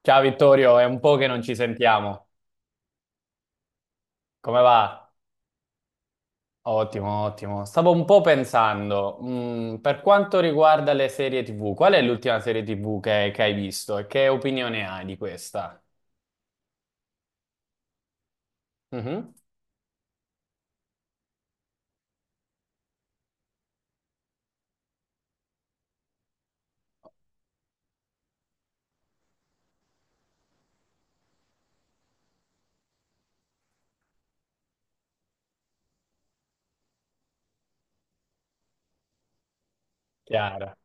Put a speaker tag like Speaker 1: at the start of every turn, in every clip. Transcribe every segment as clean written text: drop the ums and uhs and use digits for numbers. Speaker 1: Ciao Vittorio, è un po' che non ci sentiamo. Come va? Ottimo, ottimo. Stavo un po' pensando, per quanto riguarda le serie TV, qual è l'ultima serie TV che hai visto e che opinione hai di questa? Mhm. Chiaro.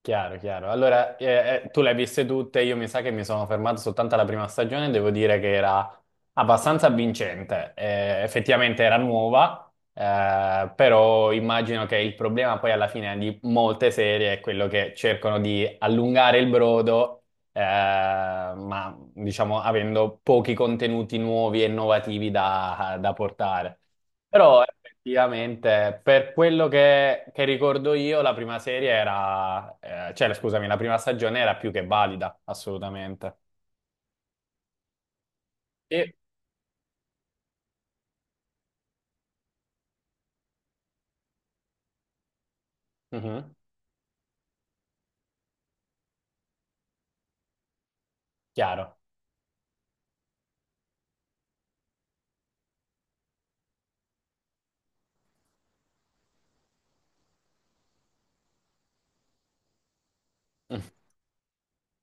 Speaker 1: Chiaro, chiaro. Allora, tu le hai viste tutte, io mi sa che mi sono fermato soltanto alla prima stagione, devo dire che era abbastanza vincente. Effettivamente era nuova, però immagino che il problema poi alla fine di molte serie è quello che cercano di allungare il brodo, ma diciamo avendo pochi contenuti nuovi e innovativi da portare. Però effettivamente, per quello che ricordo io, la prima serie era, cioè scusami, la prima stagione era più che valida, assolutamente. Sì. Mhm. Chiaro.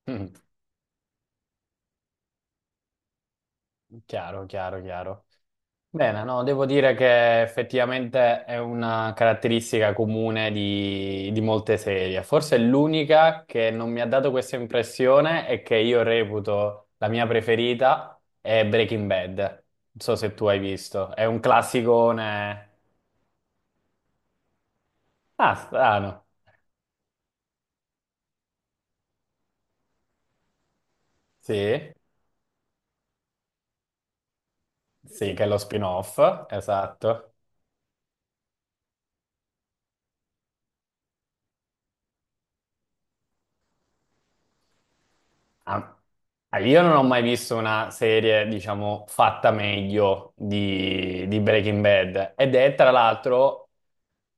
Speaker 1: Chiaro, chiaro, chiaro. Bene, no, devo dire che effettivamente è una caratteristica comune di molte serie. Forse l'unica che non mi ha dato questa impressione e che io reputo la mia preferita è Breaking Bad. Non so se tu hai visto, è un classicone. Ah, strano. Sì, sì, che è lo spin-off, esatto. Ah, ah, io non ho mai visto una serie, diciamo, fatta meglio di Breaking Bad. Ed è, tra l'altro,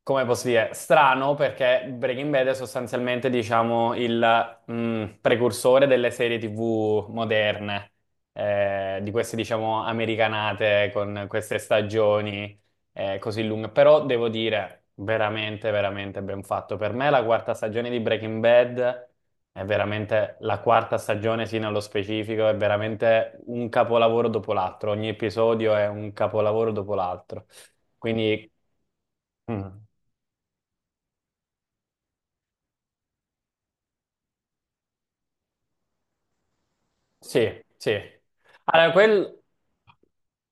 Speaker 1: come posso dire, strano perché Breaking Bad è sostanzialmente, diciamo, il precursore delle serie TV moderne, di queste, diciamo, americanate con queste stagioni così lunga, però devo dire veramente, veramente ben fatto. Per me la quarta stagione di Breaking Bad è veramente la quarta stagione, sì, nello specifico, è veramente un capolavoro dopo l'altro. Ogni episodio è un capolavoro dopo l'altro. Quindi, mm. Sì, sì. Allora, quel,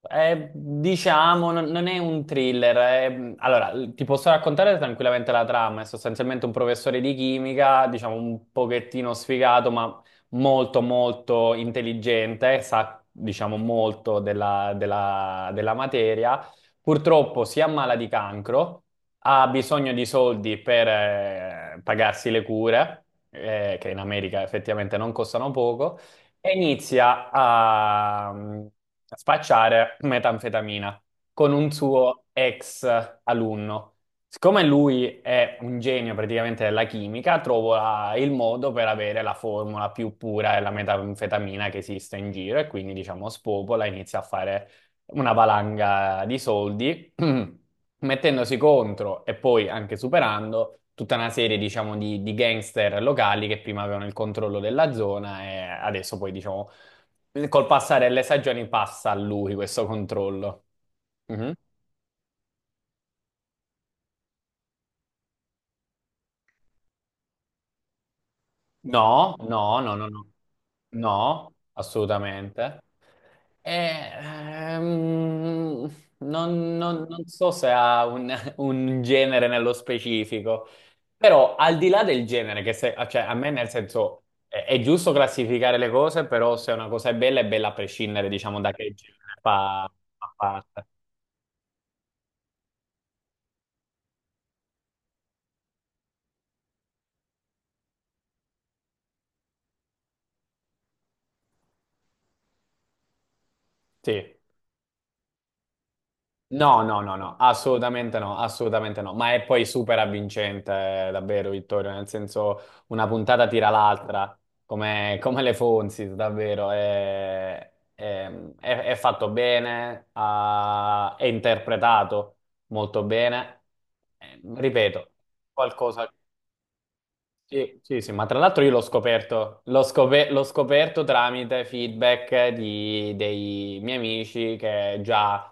Speaker 1: è, diciamo, non è un thriller. Allora, ti posso raccontare tranquillamente la trama. È sostanzialmente un professore di chimica, diciamo, un pochettino sfigato, ma molto, molto intelligente, sa, diciamo, molto della materia. Purtroppo si ammala di cancro, ha bisogno di soldi per pagarsi le cure, che in America effettivamente non costano poco e inizia a spacciare metanfetamina con un suo ex alunno. Siccome lui è un genio praticamente della chimica, trova il modo per avere la formula più pura della metanfetamina che esiste in giro e quindi, diciamo, spopola, inizia a fare una valanga di soldi mettendosi contro e poi anche superando tutta una serie, diciamo, di gangster locali che prima avevano il controllo della zona e adesso poi, diciamo, col passare delle stagioni passa a lui questo controllo. Mm-hmm. No, no, no, no, no, no, assolutamente. E, non so se ha un, un genere nello specifico, però al di là del genere, che se, cioè, a me nel senso è giusto classificare le cose, però se una cosa è bella a prescindere, diciamo, da che genere fa parte. Sì. No, no, no, no, assolutamente no, assolutamente no, ma è poi super avvincente, davvero, Vittorio, nel senso una puntata tira l'altra, come le Fonzi, davvero, è- è fatto bene, è interpretato molto bene. Ripeto, qualcosa. Sì, sì, sì, ma tra l'altro io l'ho scoperto tramite feedback dei miei amici che già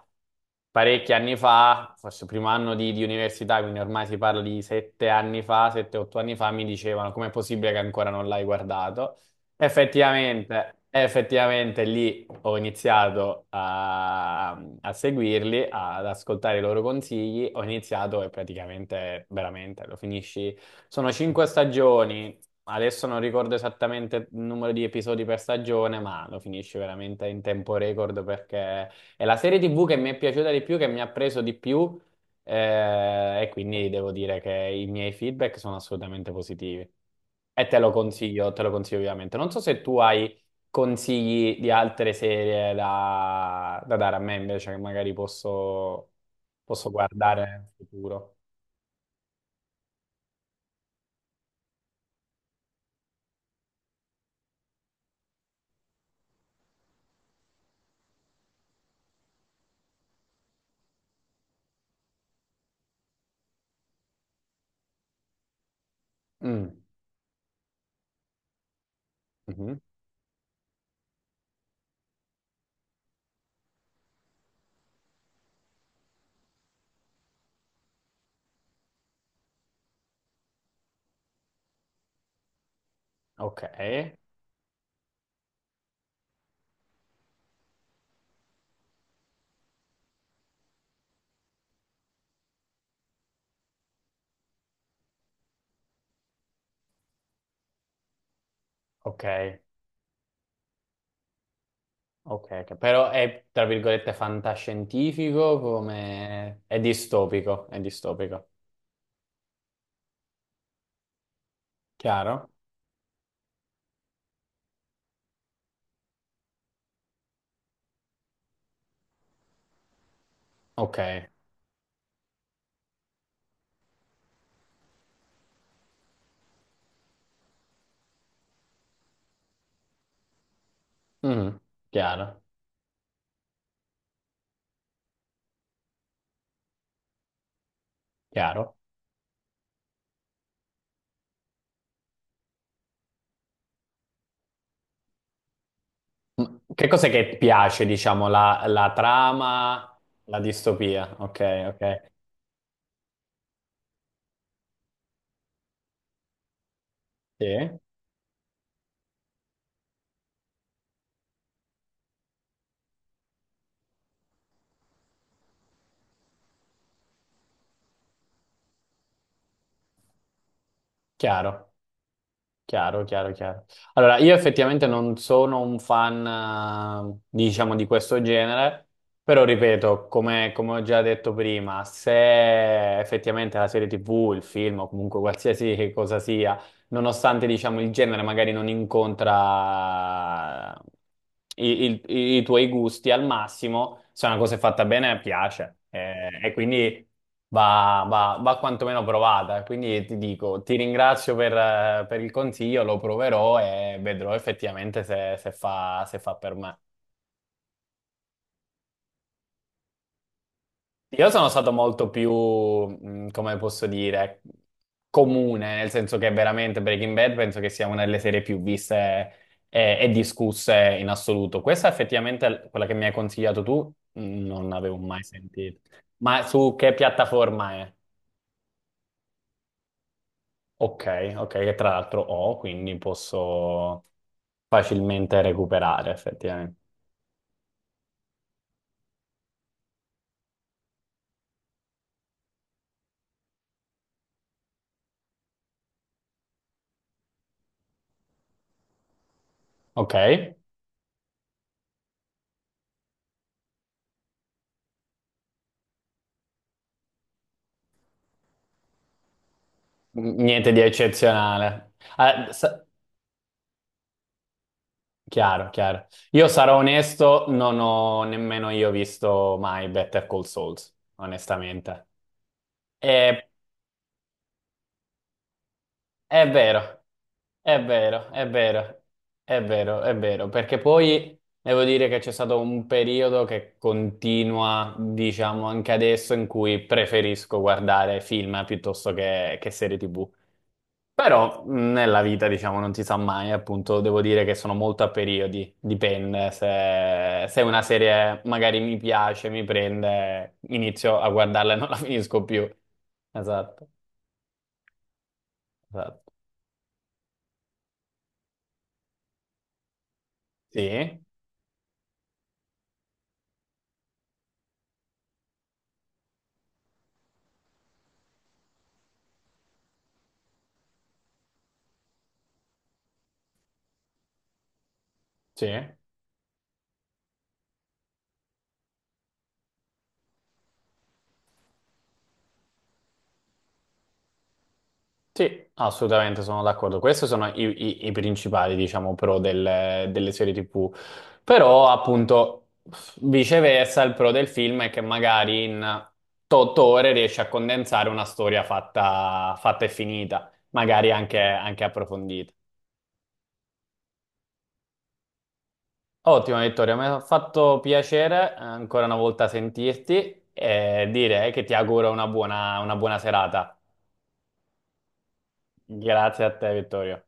Speaker 1: parecchi anni fa, forse il primo anno di università, quindi ormai si parla di 7 anni fa, 7, 8 anni fa, mi dicevano com'è possibile che ancora non l'hai guardato. Effettivamente lì ho iniziato a seguirli, ad ascoltare i loro consigli, ho iniziato e praticamente, veramente, lo finisci. Sono cinque stagioni, adesso non ricordo esattamente il numero di episodi per stagione, ma lo finisce veramente in tempo record perché è la serie TV che mi è piaciuta di più, che mi ha preso di più, e quindi devo dire che i miei feedback sono assolutamente positivi. E te lo consiglio vivamente. Non so se tu hai consigli di altre serie da dare a me invece, che magari posso guardare in futuro. Mm. Mhm. Ok. Ok, ok, ok. Però è tra virgolette fantascientifico come è distopico, è distopico. Chiaro? Ok, Mhm. Chiaro, chiaro. Mm. Che cos'è che piace, diciamo, la trama, la distopia? Ok, ok, sì, chiaro. Chiaro, chiaro, chiaro. Allora, io effettivamente non sono un fan, diciamo, di questo genere, però ripeto, come ho già detto prima, se effettivamente la serie TV, il film o comunque qualsiasi cosa sia, nonostante diciamo il genere magari non incontra i tuoi gusti al massimo, se una cosa è fatta bene piace, e quindi va quantomeno provata. Quindi ti dico, ti ringrazio per il consiglio, lo proverò e vedrò effettivamente se fa per me. Io sono stato molto più, come posso dire, comune, nel senso che veramente Breaking Bad penso che sia una delle serie più viste e discusse in assoluto. Questa effettivamente, quella che mi hai consigliato tu, non avevo mai sentito. Ma su che piattaforma è? Ok, ok, che tra l'altro ho, quindi posso facilmente recuperare effettivamente. Ok, niente di eccezionale. Ah, chiaro, chiaro. Io sarò onesto, non ho nemmeno io visto mai Better Call Souls, onestamente. E- è vero, è vero, è vero, è vero, è vero, perché poi devo dire che c'è stato un periodo che continua, diciamo, anche adesso in cui preferisco guardare film piuttosto che serie TV. Però nella vita, diciamo, non si sa mai, appunto, devo dire che sono molto a periodi, dipende, se una serie magari mi piace, mi prende, inizio a guardarla e non la finisco più. Esatto, esatto. Sì, sì. Sì, assolutamente sono d'accordo. Questi sono i principali, diciamo, pro delle serie TV. Però, appunto, viceversa, il pro del film è che magari in 8 ore riesci a condensare una storia fatta, fatta e finita, magari anche approfondita. Ottimo, Vittorio, mi ha fatto piacere ancora una volta sentirti e dire che ti auguro una buona serata. Grazie a te, Vittorio.